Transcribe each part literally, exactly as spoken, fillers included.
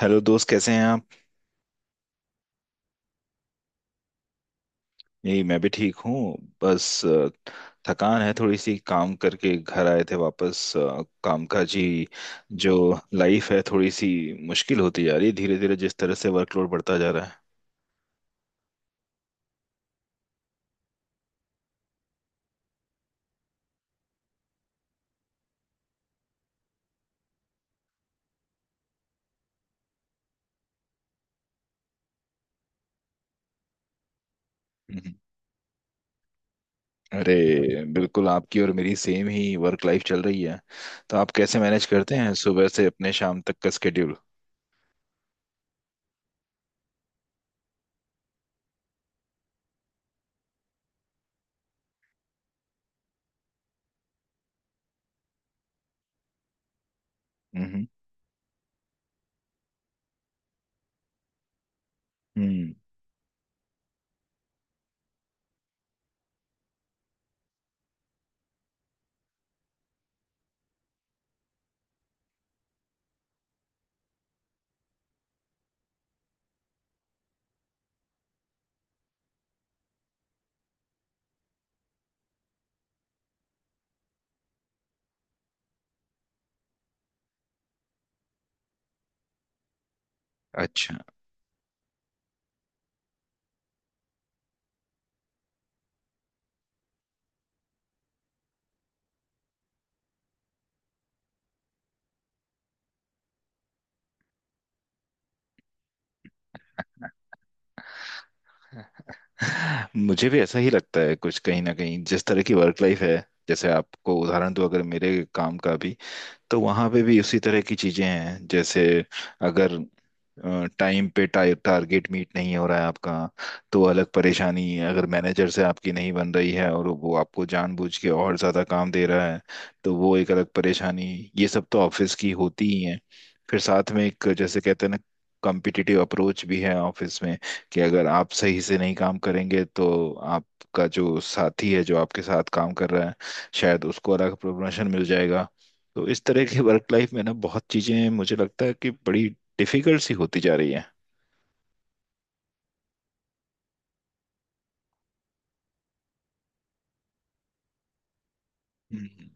Hello दोस्त, कैसे हैं आप? यही, मैं भी ठीक हूँ। बस अ, थकान है थोड़ी सी, काम करके घर आए थे वापस अ, कामकाजी जो लाइफ है, थोड़ी सी मुश्किल होती जा रही है धीरे धीरे, जिस तरह से वर्कलोड बढ़ता जा रहा है। हम्म। हम्म। अरे बिल्कुल, आपकी और मेरी सेम ही वर्क लाइफ चल रही है। तो आप कैसे मैनेज करते हैं सुबह से अपने शाम तक का स्केड्यूल? हम्म हम्म अच्छा, मुझे भी ऐसा ही लगता है कुछ कहीं ना कहीं। जिस तरह की वर्क लाइफ है, जैसे आपको उदाहरण दूं अगर मेरे काम का भी, तो वहां पे भी उसी तरह की चीजें हैं। जैसे अगर टाइम पे टारगेट मीट नहीं हो रहा है आपका, तो अलग परेशानी। अगर मैनेजर से आपकी नहीं बन रही है और वो आपको जानबूझ के और ज्यादा काम दे रहा है, तो वो एक अलग परेशानी। ये सब तो ऑफिस की होती ही है। फिर साथ में एक, जैसे कहते हैं ना, कॉम्पिटिटिव अप्रोच भी है ऑफिस में। कि अगर आप सही से नहीं काम करेंगे, तो आपका जो साथी है, जो आपके साथ काम कर रहा है, शायद उसको अलग प्रमोशन मिल जाएगा। तो इस तरह की वर्क लाइफ में ना, बहुत चीजें मुझे लगता है कि बड़ी डिफिकल्ट सी होती जा रही है हम्म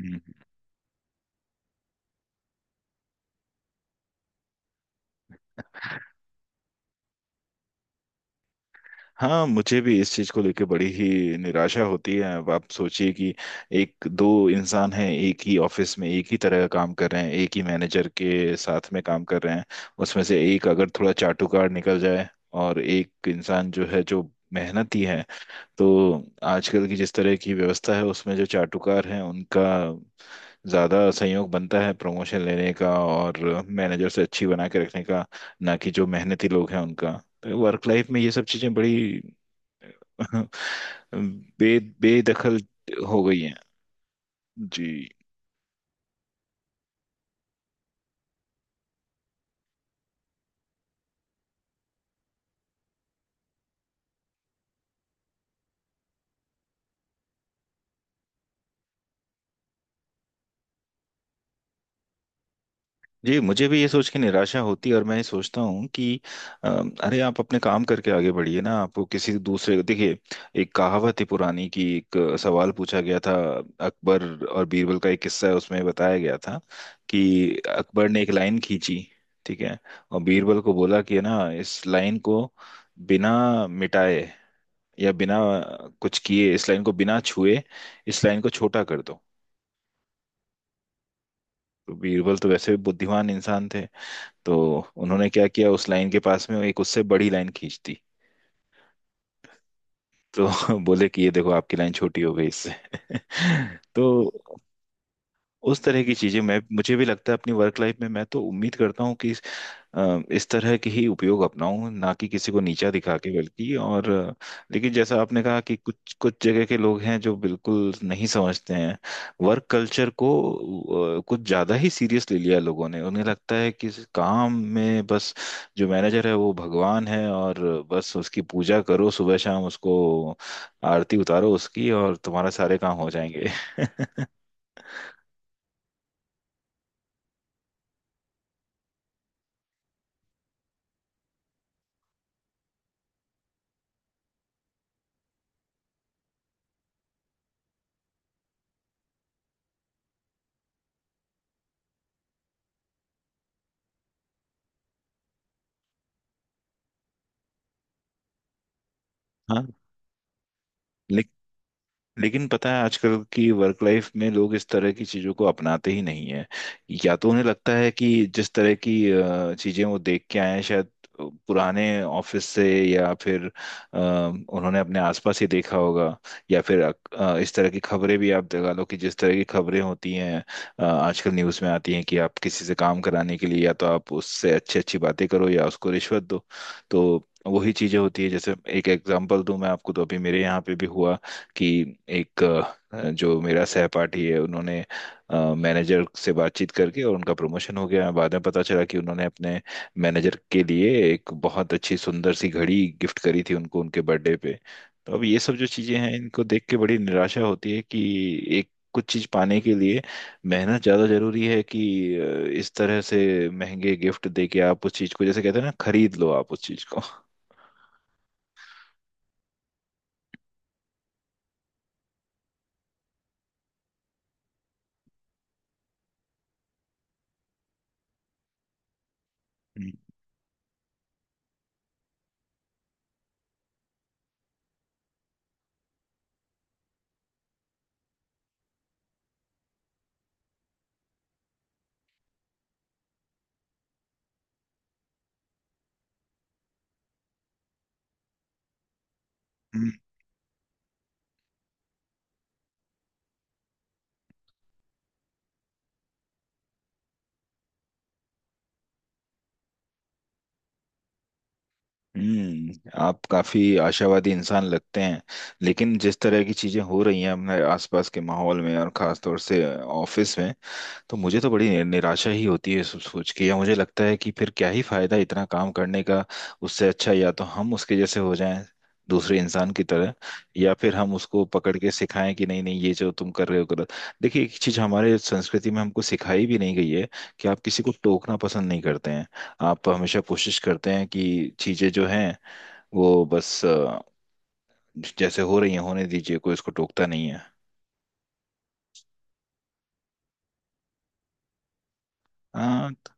हम्म। हाँ, मुझे भी इस चीज को लेके बड़ी ही निराशा होती है। अब आप सोचिए कि एक दो इंसान हैं, एक ही ऑफिस में, एक ही तरह का काम कर रहे हैं, एक ही मैनेजर के साथ में काम कर रहे हैं। उसमें से एक अगर थोड़ा चाटुकार निकल जाए, और एक इंसान जो है जो मेहनती है, तो आजकल की जिस तरह की व्यवस्था है, उसमें जो चाटुकार हैं उनका ज़्यादा सहयोग बनता है प्रमोशन लेने का और मैनेजर से अच्छी बना के रखने का, ना कि जो मेहनती लोग हैं उनका। तो वर्क लाइफ में ये सब चीज़ें बड़ी बे बेदखल हो गई हैं जी। जी, मुझे भी ये सोच के निराशा होती है। और मैं ये सोचता हूँ कि अ, अरे, आप अपने काम करके आगे बढ़िए ना, आपको किसी दूसरे, देखिए, एक कहावत है पुरानी कि एक सवाल पूछा गया था। अकबर और बीरबल का एक किस्सा है, उसमें बताया गया था कि अकबर ने एक लाइन खींची, ठीक है, और बीरबल को बोला कि ना, इस लाइन को बिना मिटाए या बिना कुछ किए, इस लाइन को बिना छुए, इस लाइन को छोटा कर दो। तो बीरबल तो वैसे भी बुद्धिमान इंसान थे, तो उन्होंने क्या किया, उस लाइन के पास में एक उससे बड़ी लाइन खींच दी। तो बोले कि ये देखो, आपकी लाइन छोटी हो गई इससे। तो उस तरह की चीजें, मैं मुझे भी लगता है अपनी वर्क लाइफ में। मैं तो उम्मीद करता हूँ कि इस अ, इस तरह के ही उपयोग अपनाऊं, ना कि किसी को नीचा दिखा के, बल्कि और अ, लेकिन जैसा आपने कहा कि कुछ कुछ जगह के लोग हैं जो बिल्कुल नहीं समझते हैं वर्क कल्चर को। अ, कुछ ज्यादा ही सीरियस ले लिया लोगों ने, उन्हें लगता है कि इस काम में बस जो मैनेजर है वो भगवान है, और बस उसकी पूजा करो सुबह शाम, उसको आरती उतारो उसकी, और तुम्हारा सारे काम हो जाएंगे। हाँ, लेकिन पता है आजकल की वर्क लाइफ में लोग इस तरह की चीजों को अपनाते ही नहीं है या तो उन्हें लगता है कि जिस तरह की अ, चीजें वो देख के आए हैं, शायद पुराने ऑफिस से, या फिर अ, उन्होंने अपने आसपास ही देखा होगा, या फिर अ, इस तरह की खबरें भी, आप लगा लो कि जिस तरह की खबरें होती हैं, अ, आजकल न्यूज़ में आती हैं कि आप किसी से काम कराने के लिए या तो आप उससे अच्छी अच्छी बातें करो या उसको रिश्वत दो। तो वही चीजें होती है जैसे एक एग्जांपल दूं मैं आपको, तो अभी मेरे यहाँ पे भी हुआ कि एक अ, जो मेरा सहपाठी है, उन्होंने मैनेजर से बातचीत करके, और उनका प्रमोशन हो गया। बाद में पता चला कि उन्होंने अपने मैनेजर के लिए एक बहुत अच्छी सुंदर सी घड़ी गिफ्ट करी थी उनको, उनके बर्थडे पे। तो अब ये सब जो चीजें हैं, इनको देख के बड़ी निराशा होती है कि एक कुछ चीज पाने के लिए मेहनत ज्यादा जरूरी है कि अ, इस तरह से महंगे गिफ्ट दे के आप उस चीज को, जैसे कहते हैं ना, खरीद लो आप उस चीज को। हम्म हम्म आप काफी आशावादी इंसान लगते हैं। लेकिन जिस तरह की चीजें हो रही हैं अपने आसपास के माहौल में और खास तौर से ऑफिस में, तो मुझे तो बड़ी निराशा ही होती है सब सोच के। या मुझे लगता है कि फिर क्या ही फायदा इतना काम करने का, उससे अच्छा या तो हम उसके जैसे हो जाएं, दूसरे इंसान की तरह, या फिर हम उसको पकड़ के सिखाएं कि नहीं नहीं, ये जो तुम कर रहे हो गलत देखिए, एक चीज हमारे संस्कृति में हमको सिखाई भी नहीं गई है, कि आप किसी को टोकना पसंद नहीं करते हैं। आप हमेशा कोशिश करते हैं कि चीजें जो हैं वो बस, अ, जैसे हो रही हैं होने दीजिए, कोई उसको टोकता नहीं है।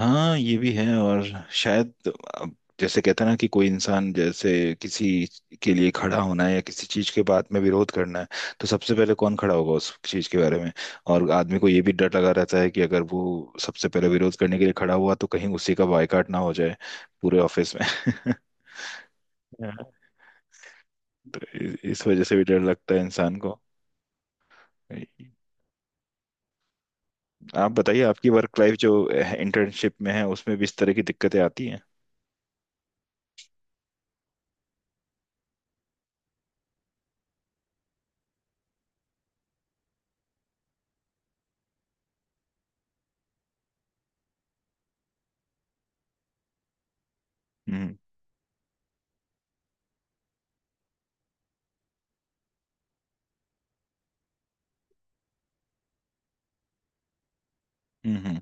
हाँ, ये भी है। और शायद, अब जैसे कहते हैं ना, कि कोई इंसान, जैसे किसी के लिए खड़ा होना है या किसी चीज के बात में विरोध करना है, तो सबसे पहले कौन खड़ा होगा उस चीज के बारे में। और आदमी को ये भी डर लगा रहता है कि अगर वो सबसे पहले विरोध करने के लिए खड़ा हुआ तो कहीं उसी का बायकॉट ना हो जाए पूरे ऑफिस में। तो इ- इस वजह से भी डर लगता है इंसान को। आप बताइए, आपकी वर्क लाइफ जो इंटर्नशिप में है, उसमें भी इस तरह की दिक्कतें आती हैं? हम्म हम्म हम्म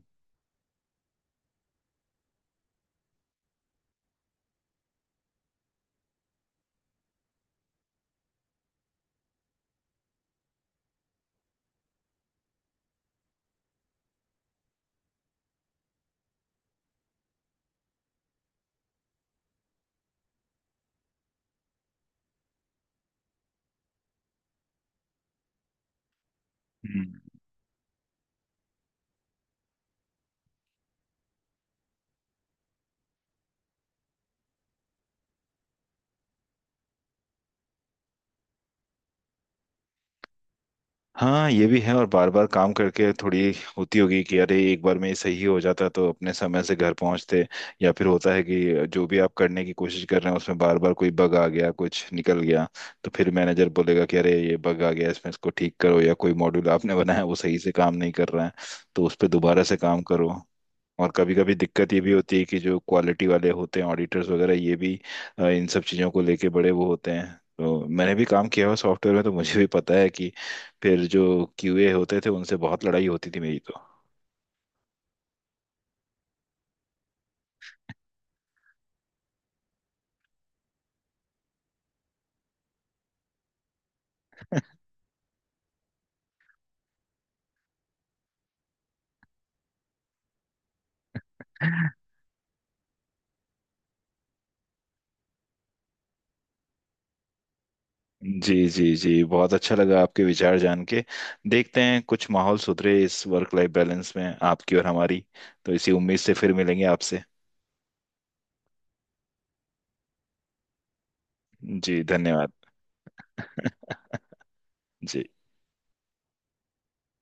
हम्म। हाँ, ये भी है। और बार बार काम करके थोड़ी होती होगी कि अरे एक बार में ये सही हो जाता तो अपने समय से घर पहुंचते। या फिर होता है कि जो भी आप करने की कोशिश कर रहे हैं उसमें बार बार कोई बग आ गया, कुछ निकल गया, तो फिर मैनेजर बोलेगा कि अरे ये बग आ गया इसमें, इसको ठीक करो, या कोई मॉड्यूल आपने बनाया वो सही से काम नहीं कर रहा है, तो उस पर दोबारा से काम करो। और कभी कभी दिक्कत ये भी होती है कि जो क्वालिटी वाले होते हैं, ऑडिटर्स वगैरह, ये भी अ, इन सब चीज़ों को लेके बड़े वो होते हैं। तो मैंने भी काम किया हुआ सॉफ्टवेयर में, तो मुझे भी पता है कि फिर जो क्यूए होते थे उनसे बहुत लड़ाई होती थी मेरी तो। जी जी जी, बहुत अच्छा लगा आपके विचार जान के। देखते हैं कुछ माहौल सुधरे इस वर्क लाइफ बैलेंस में, आपकी और हमारी। तो इसी उम्मीद से फिर मिलेंगे आपसे। जी, धन्यवाद। जी।